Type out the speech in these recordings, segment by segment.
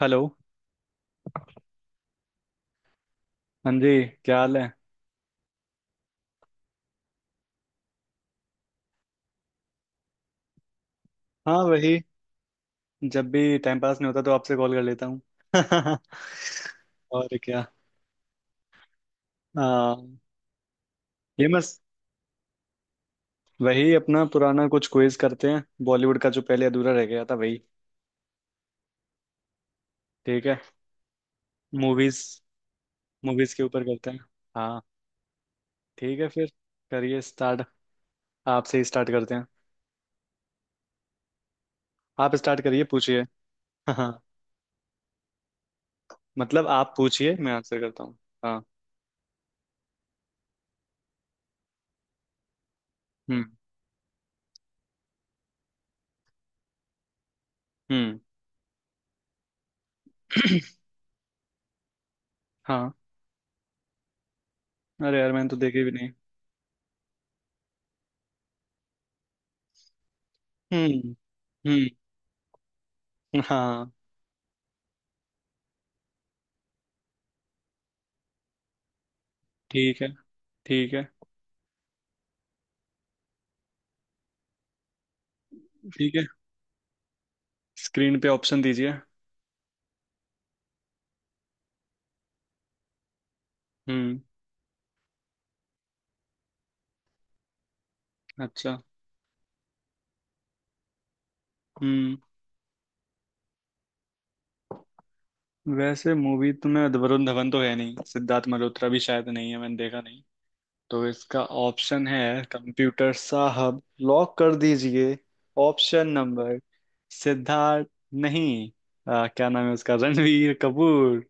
Hello. हाँ जी, क्या हाल है? हाँ, वही, जब भी टाइम पास नहीं होता तो आपसे कॉल कर लेता हूँ। और क्या। हाँ, ये बस वही अपना पुराना कुछ क्विज करते हैं बॉलीवुड का जो पहले अधूरा रह गया था, वही। ठीक है। मूवीज, मूवीज के ऊपर करते हैं। हाँ, ठीक है फिर, करिए स्टार्ट। आपसे ही स्टार्ट करते हैं। आप स्टार्ट करिए, पूछिए। हाँ, मतलब आप पूछिए, मैं आंसर करता हूँ। हाँ। हम्म। हम्म। हाँ। अरे यार, मैंने तो देखे भी नहीं। हम्म। हम्म। हाँ, ठीक है। ठीक है, ठीक है। स्क्रीन पे ऑप्शन दीजिए। हम्म। अच्छा। हम्म। वैसे मूवी तो मैं, वरुण धवन तो है नहीं, सिद्धार्थ मल्होत्रा भी शायद नहीं है, मैंने देखा नहीं। तो इसका ऑप्शन है, कंप्यूटर साहब लॉक कर दीजिए, ऑप्शन नंबर सिद्धार्थ। नहीं। क्या नाम है उसका, रणवीर कपूर।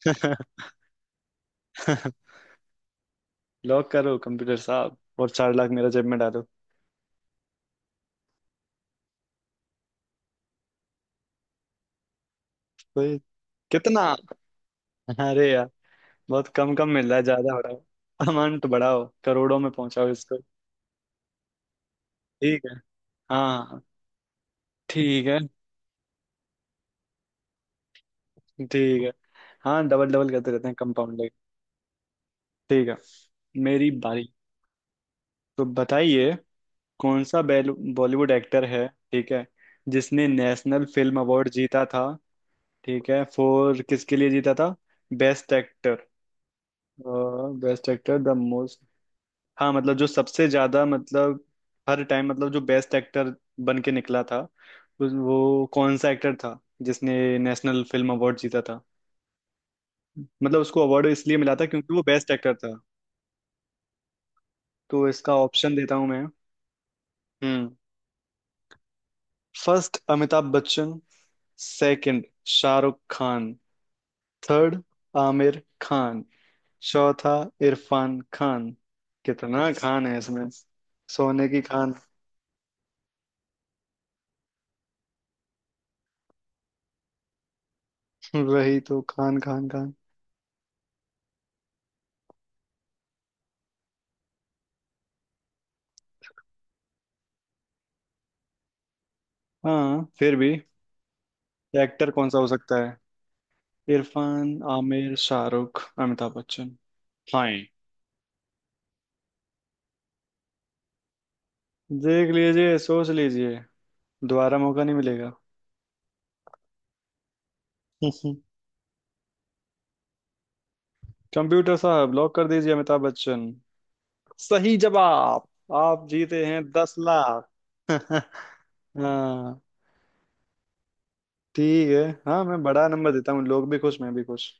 लॉक करो कंप्यूटर साहब, और 4 लाख मेरा जेब में डालो। ओए, कितना? अरे यार, बहुत कम कम मिल रहा है, ज्यादा बढ़ाओ। अमाउंट बढ़ाओ, करोड़ों में पहुंचाओ इसको। ठीक है। हाँ, ठीक है। ठीक है। हाँ, डबल डबल करते रहते हैं, कंपाउंडिंग। ठीक है, मेरी बारी। तो बताइए, कौन सा बॉलीवुड एक्टर है, ठीक है, जिसने नेशनल फिल्म अवार्ड जीता था? ठीक है, फॉर, किसके लिए जीता था? Best actor. Best actor the. हाँ मतलब, जो सबसे ज्यादा, मतलब हर टाइम मतलब, जो बेस्ट एक्टर बन के निकला था, वो कौन सा एक्टर था जिसने नेशनल फिल्म अवार्ड जीता था, मतलब उसको अवार्ड इसलिए मिला था क्योंकि वो बेस्ट एक्टर था। तो इसका ऑप्शन देता हूँ मैं। हम्म। First, Amitabh Bachchan. Second, Shahrukh Khan. Third, Aamir Khan. चौथा, इरफान खान। कितना खान है इसमें? सोने की खान। वही तो, खान खान खान। हाँ फिर भी, या एक्टर कौन सा हो सकता है? इरफान, आमिर, शाहरुख, अमिताभ बच्चन। हाँ। देख लीजिए, सोच लीजिए, दोबारा मौका नहीं मिलेगा। कंप्यूटर साहब लॉक कर दीजिए, अमिताभ बच्चन। सही जवाब। आप जीते हैं 10 लाख। हाँ, ठीक है। हाँ, मैं बड़ा नंबर देता हूँ, लोग भी खुश मैं भी खुश।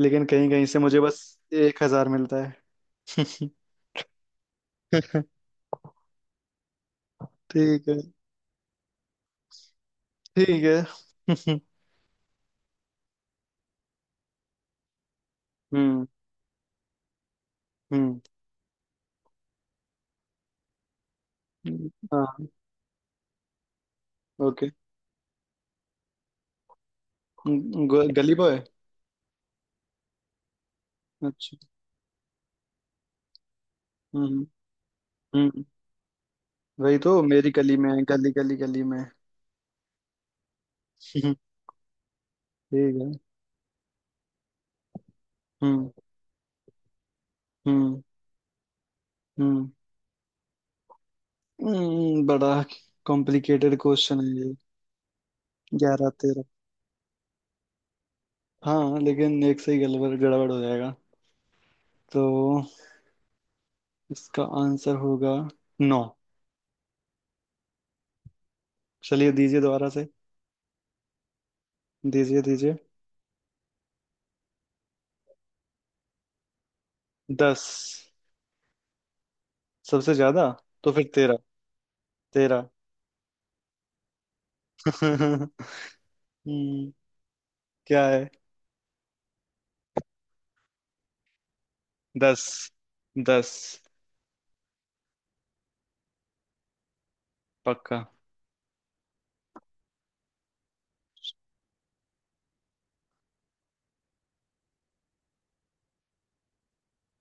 लेकिन कहीं कहीं से मुझे बस 1,000 मिलता है। ठीक है। ठीक है। हम्म। हम्म। हाँ। ओके। गली बॉय। अच्छा। हम्म। हम्म। हम्म। वही तो, मेरी गली में, गली गली गली में। हम्म, ठीक है। हम्म। हम्म। हम्म। बड़ा कॉम्प्लिकेटेड क्वेश्चन है ये। 11, 13। हाँ, लेकिन एक से ही गड़बड़ गड़बड़ हो जाएगा। तो इसका आंसर होगा नौ। चलिए, दीजिए दोबारा से। दीजिए, दीजिए। 10 सबसे ज्यादा। तो फिर 13। तेरह। हम्म। क्या है? 10। 10 पक्का।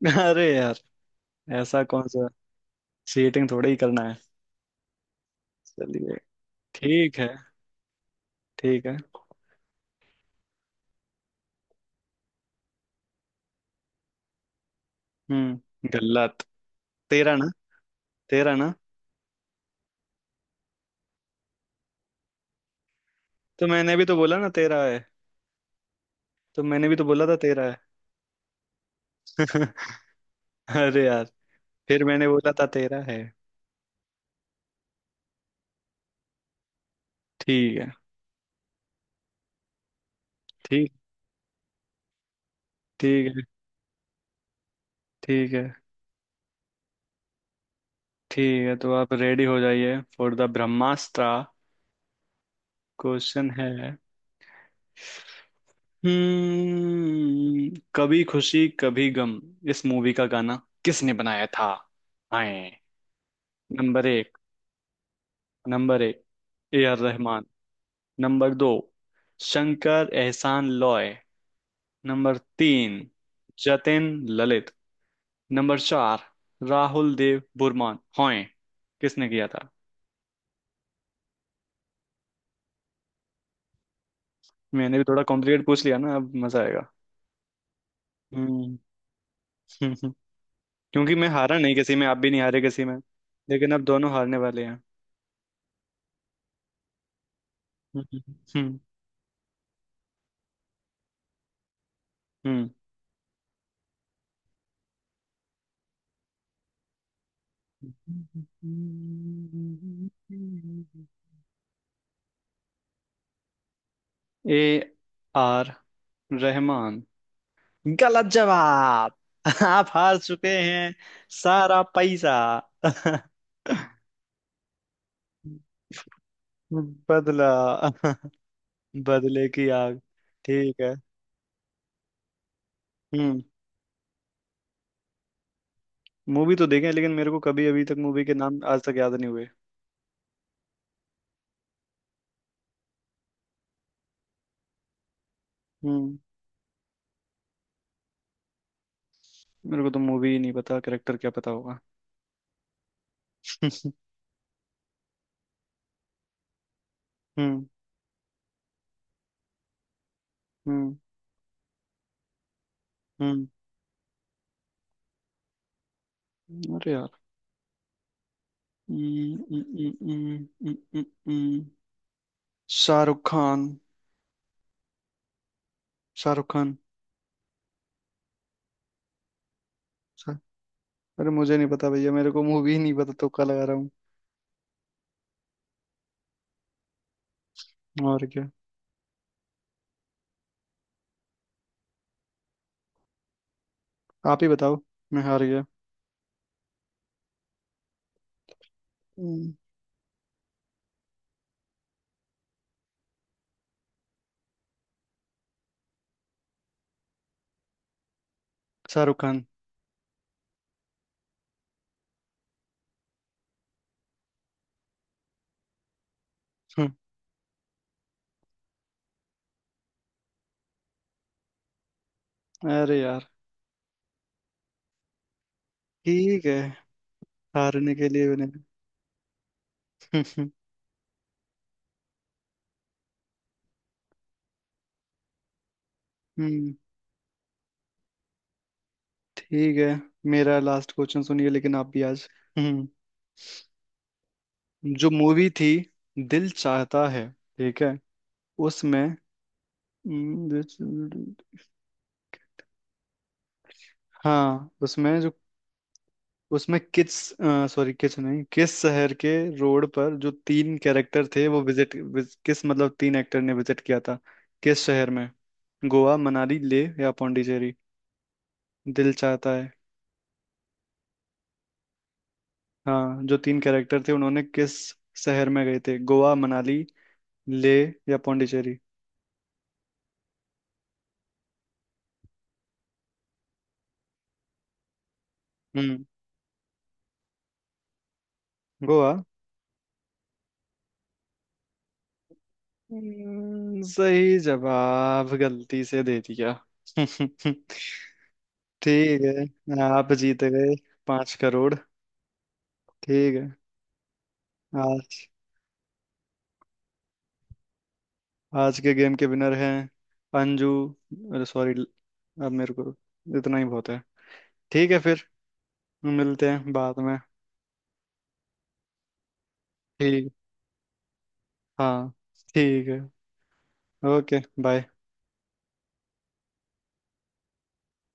अरे यार, ऐसा कौन सा चीटिंग थोड़े ही करना है। चलिए। ठीक है। ठीक है। हम्म, गलत। तेरा ना। तेरा ना। तो मैंने भी तो बोला ना तेरा है। तो मैंने भी तो बोला था तेरा है। अरे यार। फिर मैंने बोला था तेरा है। ठीक है। ठीक। ठीक है। ठीक है। ठीक है, तो आप रेडी हो जाइए फॉर द ब्रह्मास्त्र। क्वेश्चन है हम्म, कभी खुशी कभी गम। इस मूवी का गाना किसने बनाया था? आए। नंबर एक, नंबर एक, ए आर रहमान। नंबर दो, शंकर एहसान लॉय। नंबर तीन, जतिन ललित। नंबर चार, राहुल देव बुरमान। हॉय, किसने किया था? मैंने भी थोड़ा कॉम्प्लिकेट पूछ लिया ना, अब मजा आएगा। हम्म। क्योंकि मैं हारा नहीं किसी में, आप भी नहीं हारे किसी में, लेकिन अब दोनों हारने वाले हैं। हम्म। हम्म। हम्म। हम्म। ए आर रहमान, गलत जवाब। आप हार चुके हैं सारा पैसा। बदला। बदले की आग। ठीक है। हम्म, मूवी तो देखे हैं, लेकिन मेरे को कभी, अभी तक मूवी के नाम आज तक याद नहीं हुए। हम्म। मेरे को तो मूवी ही नहीं पता, कैरेक्टर क्या पता होगा? हम्म। हम्म। हम्म। अरे यार। हम्म, हम्म, हम्म, हम्म, हम्म, हम्म, हम्म। शाहरुख खान। शाहरुख खान। शाह- अरे मुझे नहीं पता भैया, मेरे को मूवी नहीं पता, तुक्का लगा रहा हूँ। और क्या। आप ही बताओ, मैं हार गया। हम्म, शाहरुख खान। हम्म, अरे यार, ठीक है। हारने के लिए मैंने, हम्म। हम्म, ठीक है, मेरा लास्ट क्वेश्चन सुनिए, लेकिन आप भी आज। हम्म। जो मूवी थी, दिल चाहता है, ठीक है, उसमें, हम्म, दिल- हाँ, उसमें जो, उसमें किस, सॉरी, किस नहीं, किस शहर के रोड पर जो तीन कैरेक्टर थे वो विजिट, किस मतलब तीन एक्टर ने विजिट किया था, किस शहर में? गोवा, मनाली, ले, या पौंडीचेरी? दिल चाहता है। हाँ, जो तीन कैरेक्टर थे, उन्होंने किस शहर में गए थे? गोवा, मनाली, ले, या पौंडीचेरी? हम्म, गोवा। सही जवाब, गलती से दे दिया। ठीक है, आप जीत गए 5 करोड़। ठीक है। आज, आज के गेम के विनर हैं, अंजू। अरे सॉरी। अब मेरे को इतना ही बहुत है। ठीक है फिर, मिलते हैं बाद में। ठीक। हाँ, ठीक है। Okay bye.